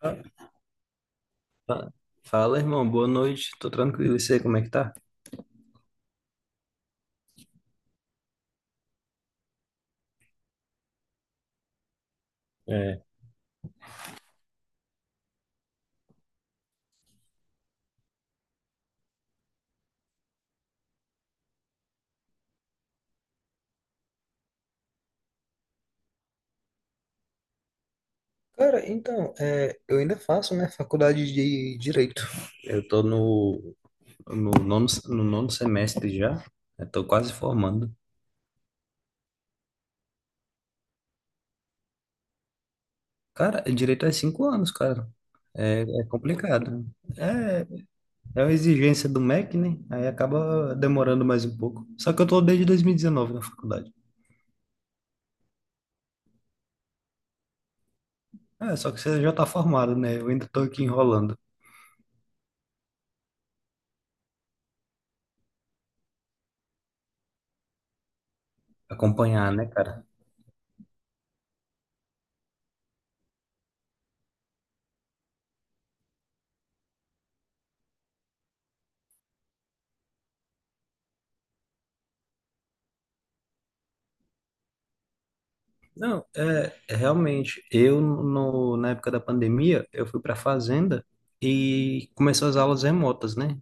Ah, fa- Fala, irmão. Boa noite. Tô tranquilo. E você, como é que tá? É. Cara, então, eu ainda faço, né, faculdade de Direito. Eu tô no, no nono semestre já. Eu tô quase formando. Cara, direito é cinco anos, cara. É, é complicado. É, é uma exigência do MEC, né? Aí acaba demorando mais um pouco. Só que eu tô desde 2019 na faculdade. É, só que você já tá formado, né? Eu ainda tô aqui enrolando. Acompanhar, né, cara? Não, é realmente. Eu, no, na época da pandemia, eu fui para fazenda e começou as aulas remotas, né?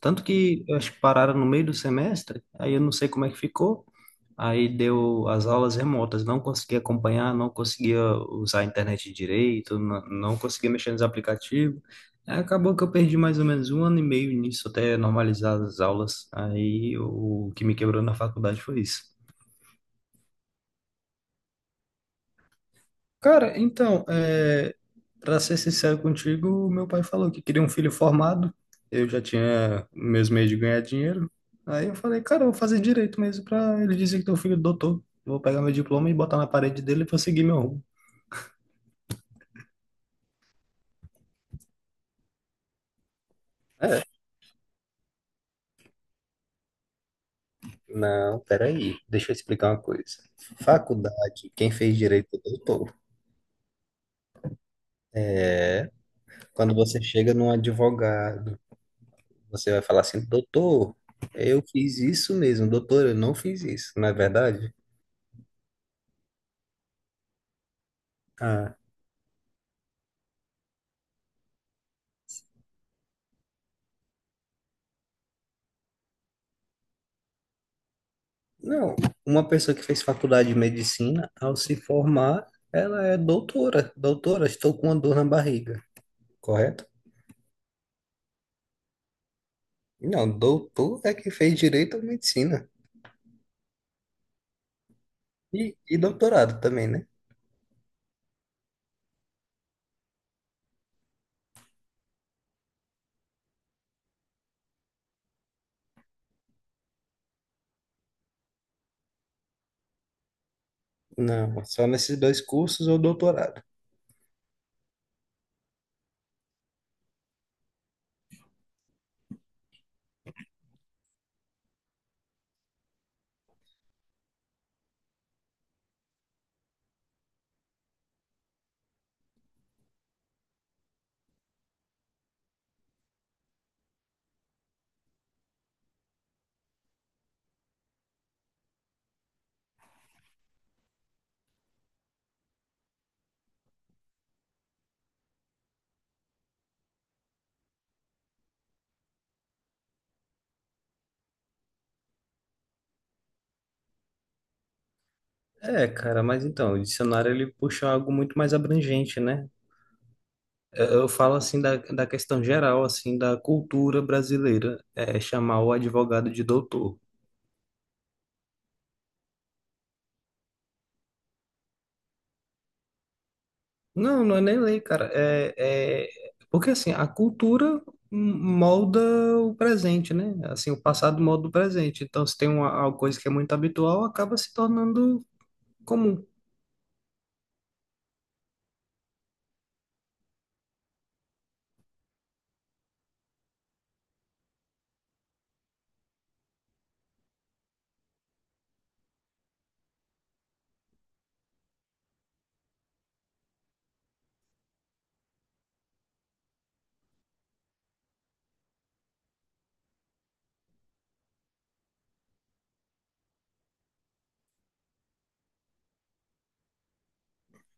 Tanto que eu acho que pararam no meio do semestre, aí eu não sei como é que ficou. Aí deu as aulas remotas, não conseguia acompanhar, não conseguia usar a internet direito, não conseguia mexer nos aplicativos. Aí acabou que eu perdi mais ou menos um ano e meio nisso até normalizar as aulas. Aí o que me quebrou na faculdade foi isso. Cara, então, para ser sincero contigo, meu pai falou que queria um filho formado. Eu já tinha meus meios de ganhar dinheiro. Aí eu falei, cara, eu vou fazer direito mesmo para ele dizer que teu filho é doutor. Vou pegar meu diploma e botar na parede dele e vou seguir meu rumo. É, não, peraí, deixa eu explicar uma coisa. Faculdade, quem fez direito é doutor. É, quando você chega num advogado, você vai falar assim, doutor, eu fiz isso mesmo, doutor, eu não fiz isso, não é verdade? ah Não, uma pessoa que fez faculdade de medicina, ao se formar, ela é doutora. Doutora, estou com uma dor na barriga, correto? Não, doutor é que fez direito à medicina. E doutorado também, né? Não, só nesses dois cursos ou doutorado. É, cara, mas então, o dicionário ele puxa algo muito mais abrangente, né? Eu falo assim da questão geral, assim, da cultura brasileira, é chamar o advogado de doutor. Não, não é nem lei, cara. É... Porque assim, a cultura molda o presente, né? Assim, o passado molda o presente. Então, se tem uma coisa que é muito habitual, acaba se tornando comum.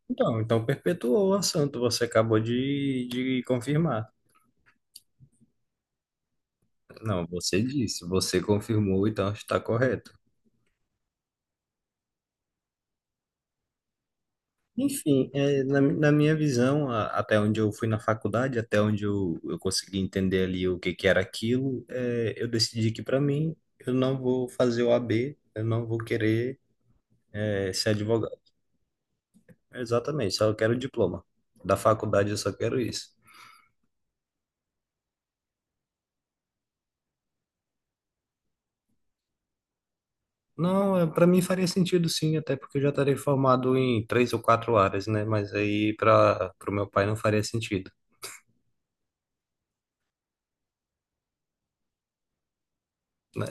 Então, perpetuou o assunto, você acabou de confirmar. Não, você disse, você confirmou, então está correto. Enfim, na minha visão, até onde eu fui na faculdade, até onde eu consegui entender ali que era aquilo, eu decidi que para mim eu não vou fazer o AB, eu não vou querer ser advogado. Exatamente, só eu quero o diploma. Da faculdade eu só quero isso. Não, para mim faria sentido sim, até porque eu já estarei formado em três ou quatro áreas, né? Mas aí para o meu pai não faria sentido.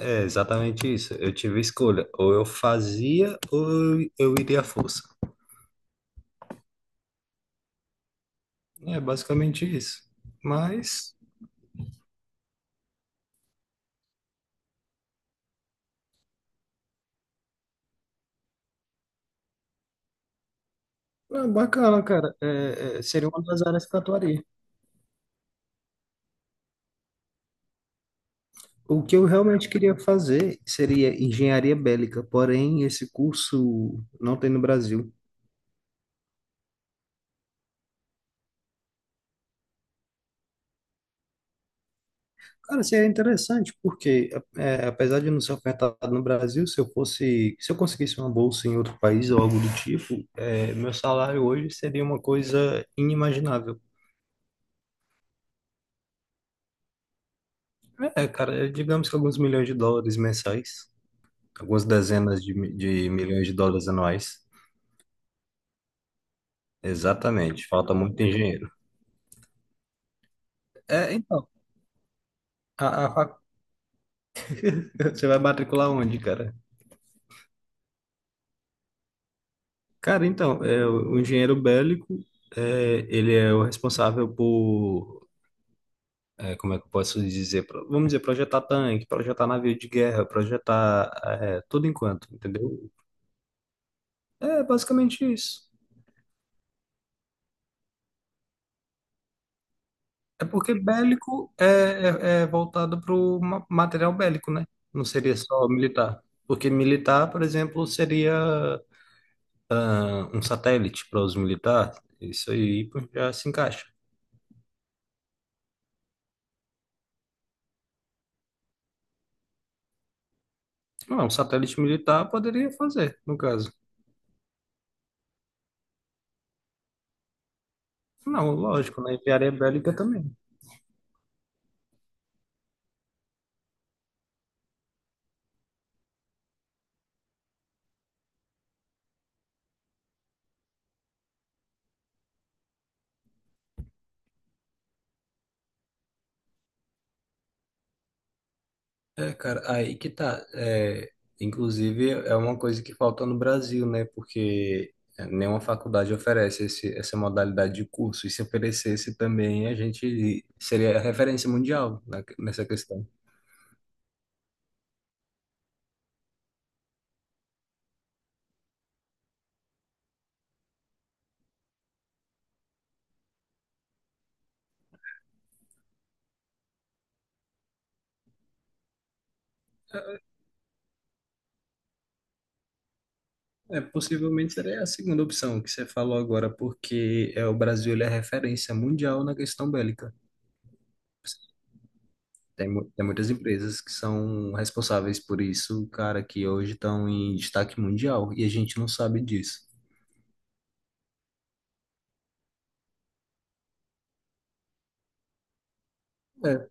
É exatamente isso. Eu tive escolha, ou eu fazia ou eu iria à força. É basicamente isso. Mas, é bacana, cara. Seria uma das áreas que eu atuaria. O que eu realmente queria fazer seria engenharia bélica, porém esse curso não tem no Brasil. Cara, seria interessante, porque apesar de não ser ofertado no Brasil, se eu conseguisse uma bolsa em outro país ou algo do tipo, meu salário hoje seria uma coisa inimaginável. Digamos que alguns milhões de dólares mensais, algumas dezenas de, de milhões de dólares anuais. Exatamente, falta muito engenheiro. É, então, a, a fac- você vai matricular onde, cara? Cara, então, o engenheiro bélico, ele é o responsável por, como é que eu posso dizer, vamos dizer, projetar tanque, projetar navio de guerra, projetar, tudo enquanto, entendeu? É basicamente isso. É porque bélico é voltado para o material bélico, né? Não seria só militar. Porque militar, por exemplo, seria um satélite para os militares, isso aí pô, já se encaixa. Não, um satélite militar poderia fazer, no caso. Não, lógico, na enviaria bélica também. Aí que tá. Inclusive, é uma coisa que falta no Brasil, né? Porque nenhuma faculdade oferece essa modalidade de curso. E se oferecesse também, a gente seria a referência mundial nessa questão. Possivelmente seria a segunda opção que você falou agora, porque o Brasil ele é referência mundial na questão bélica. Tem muitas empresas que são responsáveis por isso, cara, que hoje estão em destaque mundial, e a gente não sabe disso. É,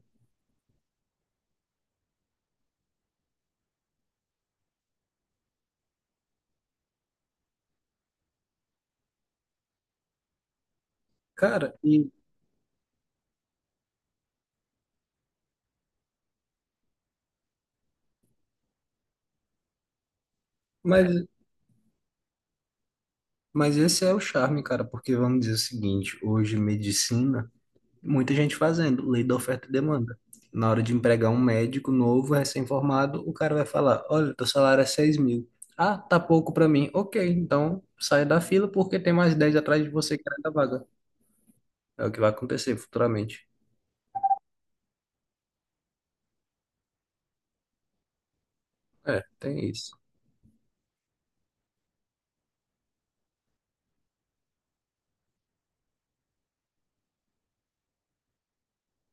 cara, e Mas, mas esse é o charme, cara, porque vamos dizer o seguinte, hoje medicina, muita gente fazendo, lei da oferta e demanda. Na hora de empregar um médico novo, recém-formado, o cara vai falar, olha, teu salário é 6 mil. Ah, tá pouco pra mim. Ok, então sai da fila porque tem mais 10 atrás de você querendo a vaga. É o que vai acontecer futuramente. É, tem isso.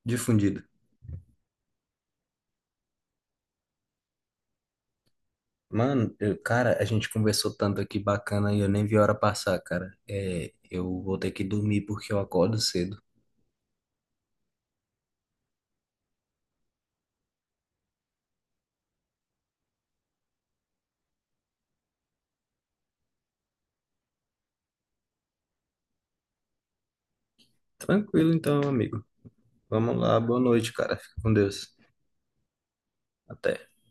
Difundido. Mano, cara, a gente conversou tanto aqui bacana e eu nem vi a hora passar, cara. É, eu vou ter que dormir porque eu acordo cedo. Tranquilo então, amigo. Vamos lá, boa noite, cara. Fica com Deus. Até.